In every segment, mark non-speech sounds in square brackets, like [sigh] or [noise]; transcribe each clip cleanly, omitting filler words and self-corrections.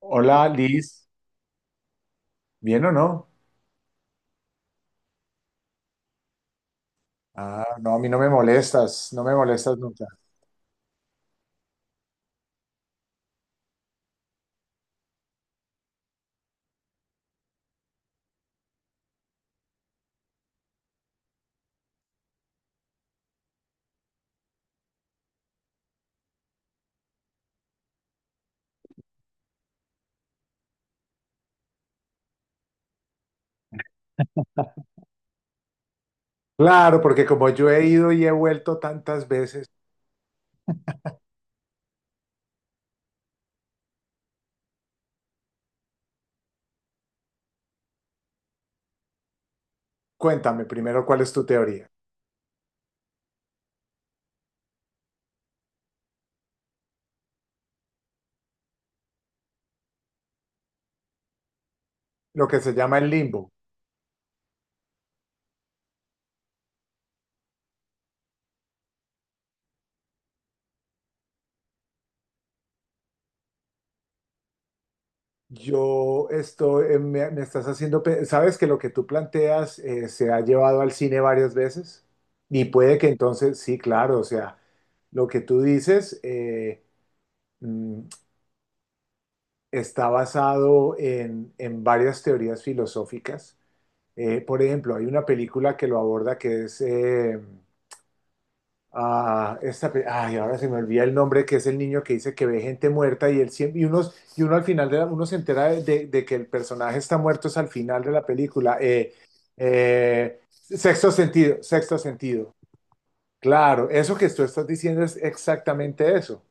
Hola, Liz, ¿bien o no? Ah, no, a mí no me molestas, no me molestas nunca. Claro, porque como yo he ido y he vuelto tantas veces, cuéntame primero cuál es tu teoría. Lo que se llama el limbo. Yo estoy, me estás haciendo, sabes que lo que tú planteas se ha llevado al cine varias veces y puede que entonces, sí, claro, o sea, lo que tú dices mm, está basado en varias teorías filosóficas. Por ejemplo, hay una película que lo aborda que es esta, ay, ahora se me olvida el nombre, que es el niño que dice que ve gente muerta y, él, y, unos, y uno al final uno se entera de que el personaje está muerto es al final de la película. Sexto sentido, sexto sentido. Claro, eso que tú estás diciendo es exactamente eso.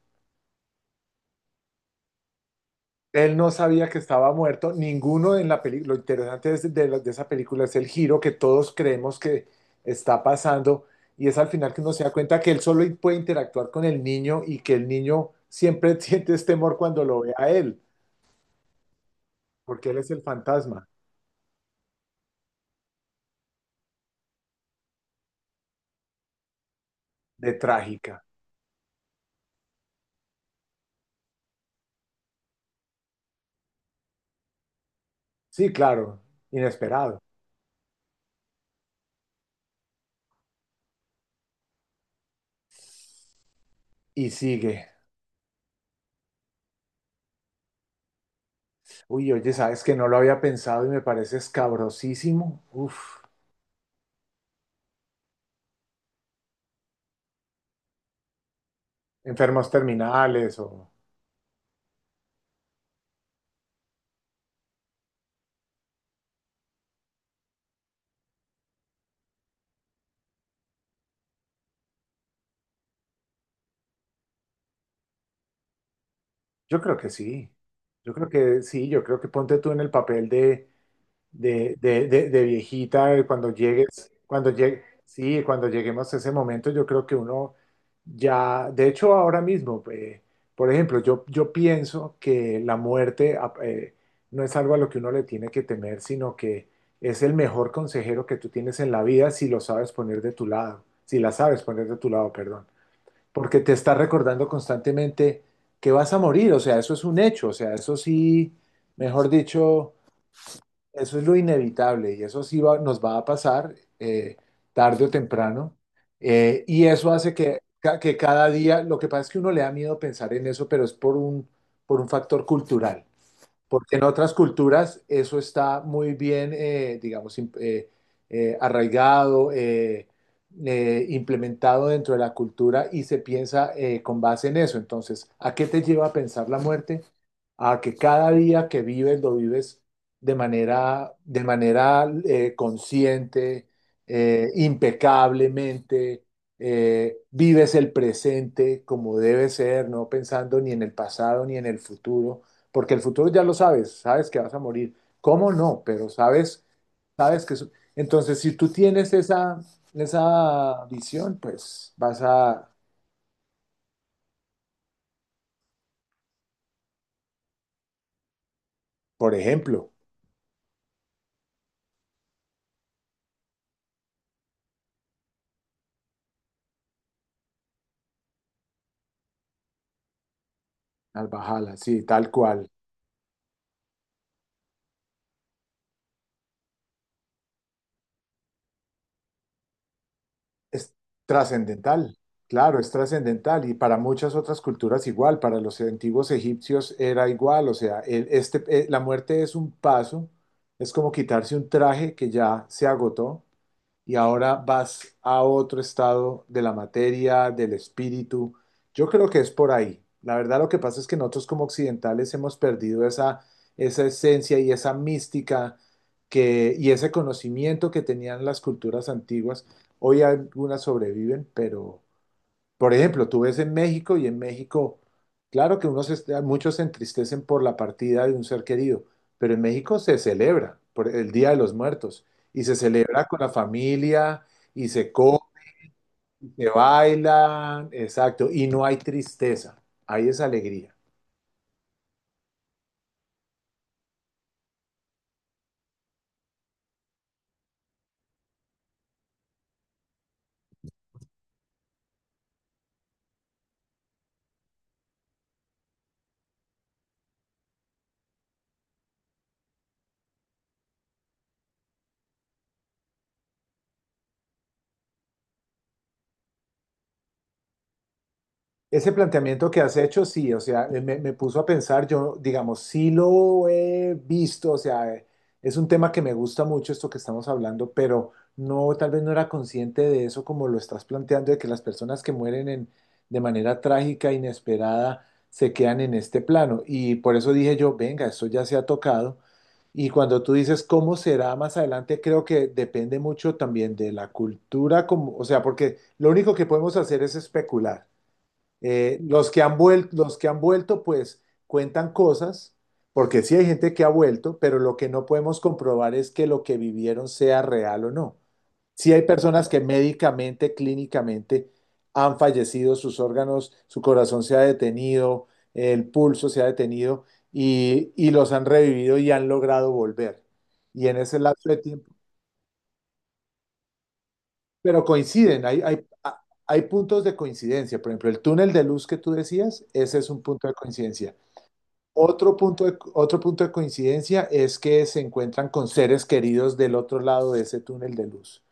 Él no sabía que estaba muerto, ninguno en la película, lo interesante es de esa película es el giro que todos creemos que está pasando y es al final que uno se da cuenta que él solo puede interactuar con el niño y que el niño siempre [laughs] siente este temor cuando lo ve a él, porque él es el fantasma de trágica. Sí, claro, inesperado. Y sigue. Uy, oye, sabes que no lo había pensado y me parece escabrosísimo. Uf, enfermos terminales o... Yo creo que sí, yo creo que sí, yo creo que ponte tú en el papel de, de viejita cuando llegues, cuando llegue, sí, cuando lleguemos a ese momento, yo creo que uno ya, de hecho ahora mismo, por ejemplo, yo pienso que la muerte no es algo a lo que uno le tiene que temer, sino que es el mejor consejero que tú tienes en la vida si lo sabes poner de tu lado, si la sabes poner de tu lado, perdón, porque te está recordando constantemente que vas a morir, o sea, eso es un hecho, o sea, eso sí, mejor dicho, eso es lo inevitable y eso sí nos va a pasar tarde o temprano. Y eso hace que, que cada día, lo que pasa es que uno le da miedo pensar en eso, pero es por un factor cultural. Porque en otras culturas eso está muy bien, digamos, arraigado, implementado dentro de la cultura y se piensa con base en eso. Entonces, ¿a qué te lleva a pensar la muerte? A que cada día que vives lo vives de manera consciente, impecablemente, vives el presente como debe ser, no pensando ni en el pasado ni en el futuro porque el futuro ya lo sabes, sabes que vas a morir. ¿Cómo no? Pero sabes, sabes que... Entonces, si tú tienes esa, esa visión, pues vas a, por ejemplo, al Valhalla, sí, tal cual. Es trascendental, claro, es trascendental y para muchas otras culturas igual, para los antiguos egipcios era igual, o sea, este, la muerte es un paso, es como quitarse un traje que ya se agotó y ahora vas a otro estado de la materia, del espíritu. Yo creo que es por ahí. La verdad lo que pasa es que nosotros como occidentales hemos perdido esa, esa esencia y esa mística que, y ese conocimiento que tenían las culturas antiguas. Hoy algunas sobreviven, pero, por ejemplo, tú ves en México y en México, claro que unos muchos se entristecen por la partida de un ser querido, pero en México se celebra por el Día de los Muertos y se celebra con la familia y se come, se baila, exacto, y no hay tristeza, hay esa alegría. Ese planteamiento que has hecho, sí, o sea, me puso a pensar, yo, digamos, sí lo he visto, o sea, es un tema que me gusta mucho esto que estamos hablando, pero no, tal vez no era consciente de eso como lo estás planteando, de que las personas que mueren en, de manera trágica, inesperada, se quedan en este plano. Y por eso dije yo, venga, esto ya se ha tocado. Y cuando tú dices cómo será más adelante, creo que depende mucho también de la cultura, como, o sea, porque lo único que podemos hacer es especular. Los que han vuelto, los que han vuelto, pues cuentan cosas, porque sí hay gente que ha vuelto, pero lo que no podemos comprobar es que lo que vivieron sea real o no. Sí hay personas que médicamente, clínicamente han fallecido, sus órganos, su corazón se ha detenido, el pulso se ha detenido y los han revivido y han logrado volver. Y en ese lapso de tiempo, pero coinciden, hay puntos de coincidencia. Por ejemplo, el túnel de luz que tú decías, ese es un punto de coincidencia. Otro punto de coincidencia es que se encuentran con seres queridos del otro lado de ese túnel de luz.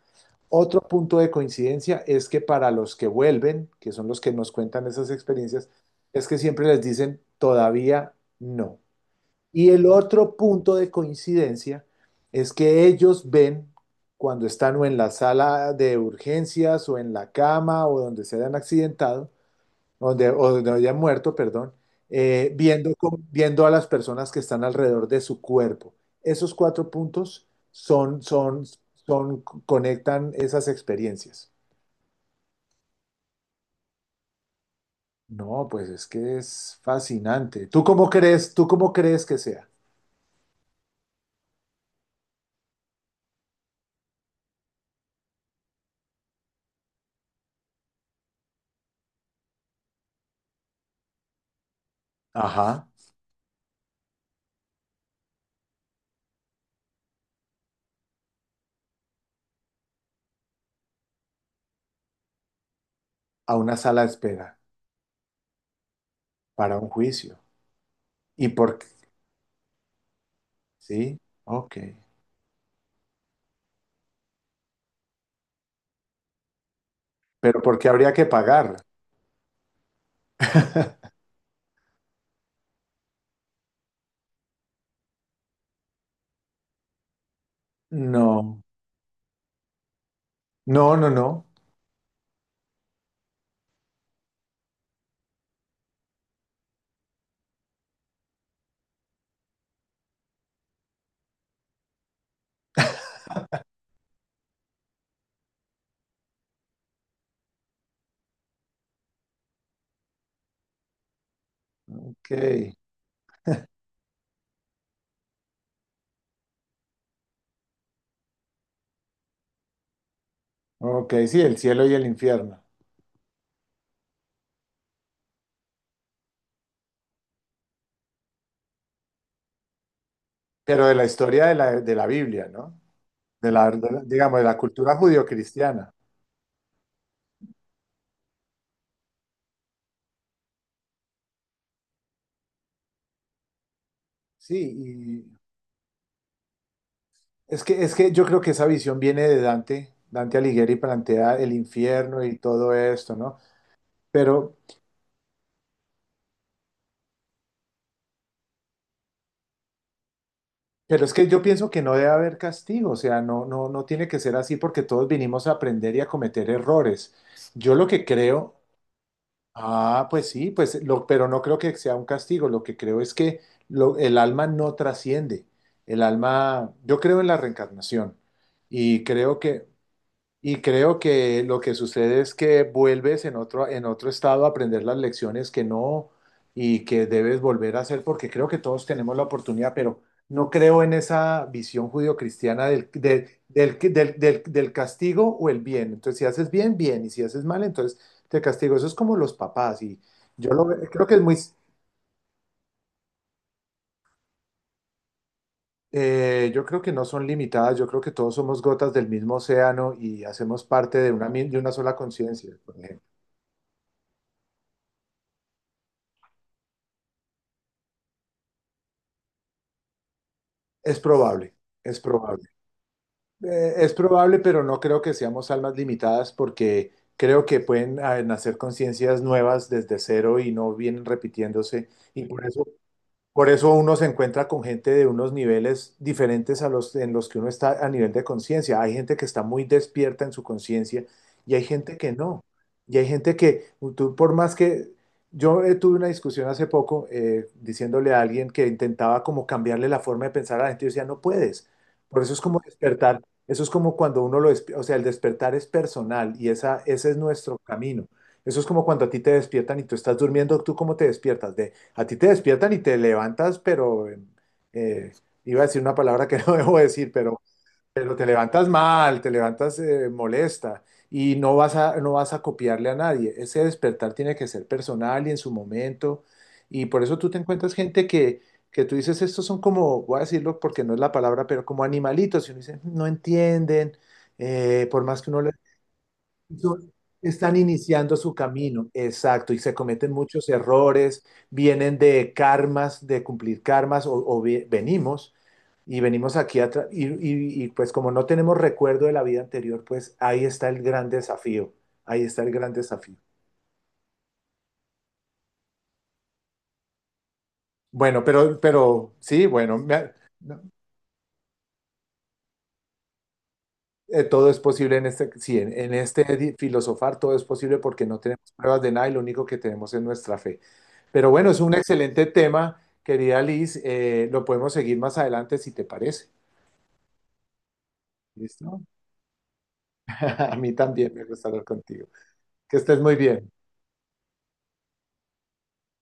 Otro punto de coincidencia es que para los que vuelven, que son los que nos cuentan esas experiencias, es que siempre les dicen todavía no. Y el otro punto de coincidencia es que ellos ven cuando están o en la sala de urgencias o en la cama o donde se hayan accidentado, donde, o donde haya muerto, perdón, viendo, viendo a las personas que están alrededor de su cuerpo. Esos cuatro puntos son, son, son, conectan esas experiencias. No, pues es que es fascinante. Tú cómo crees que sea? Ajá, a una sala de espera para un juicio. ¿Y por qué? Sí, ok. Pero ¿por qué habría que pagar? [laughs] No, no, no, no. Ok, ok, sí, el cielo y el infierno. Pero de la historia de la Biblia, ¿no? De la, digamos, de la cultura judio-cristiana. Sí, y es que yo creo que esa visión viene de Dante. Dante Alighieri plantea el infierno y todo esto, ¿no? Pero, pero es que yo pienso que no debe haber castigo, o sea, no, no, no tiene que ser así porque todos vinimos a aprender y a cometer errores. Yo lo que creo. Ah, pues sí, pues lo, pero no creo que sea un castigo. Lo que creo es que el alma no trasciende. El alma, yo creo en la reencarnación y creo que y creo que lo que sucede es que vuelves en otro estado a aprender las lecciones que no y que debes volver a hacer, porque creo que todos tenemos la oportunidad, pero no creo en esa visión judio-cristiana del castigo o el bien. Entonces, si haces bien, bien, y si haces mal, entonces te castigo. Eso es como los papás, y yo lo, creo que es muy, yo creo que no son limitadas, yo creo que todos somos gotas del mismo océano y hacemos parte de una, de una sola conciencia. Es probable, es probable. Es probable, pero no creo que seamos almas limitadas porque creo que pueden nacer conciencias nuevas desde cero y no vienen repitiéndose. Y por eso uno se encuentra con gente de unos niveles diferentes a los en los que uno está a nivel de conciencia. Hay gente que está muy despierta en su conciencia y hay gente que no. Y hay gente que, tú, por más que yo tuve una discusión hace poco diciéndole a alguien que intentaba como cambiarle la forma de pensar a la gente, yo decía, no puedes. Por eso es como despertar. Eso es como cuando uno lo, o sea, el despertar es personal y esa, ese es nuestro camino. Eso es como cuando a ti te despiertan y tú estás durmiendo, ¿tú cómo te despiertas? De a ti te despiertan y te levantas, pero eh, iba a decir una palabra que [laughs] no debo decir, pero te levantas mal, te levantas molesta y no vas a, no vas a copiarle a nadie. Ese despertar tiene que ser personal y en su momento. Y por eso tú te encuentras gente que tú dices, estos son como, voy a decirlo porque no es la palabra, pero como animalitos. Y uno dice, no entienden, por más que uno son- están iniciando su camino, exacto, y se cometen muchos errores, vienen de karmas, de cumplir karmas, o venimos, y venimos aquí atrás, y, y, pues como no tenemos recuerdo de la vida anterior, pues ahí está el gran desafío, ahí está el gran desafío. Bueno, pero sí, bueno, no, todo es posible en este, sí, en este filosofar todo es posible porque no tenemos pruebas de nada y lo único que tenemos es nuestra fe. Pero bueno, es un excelente tema, querida Liz. Lo podemos seguir más adelante si te parece. ¿Listo? [laughs] A mí también me gusta hablar contigo. Que estés muy bien.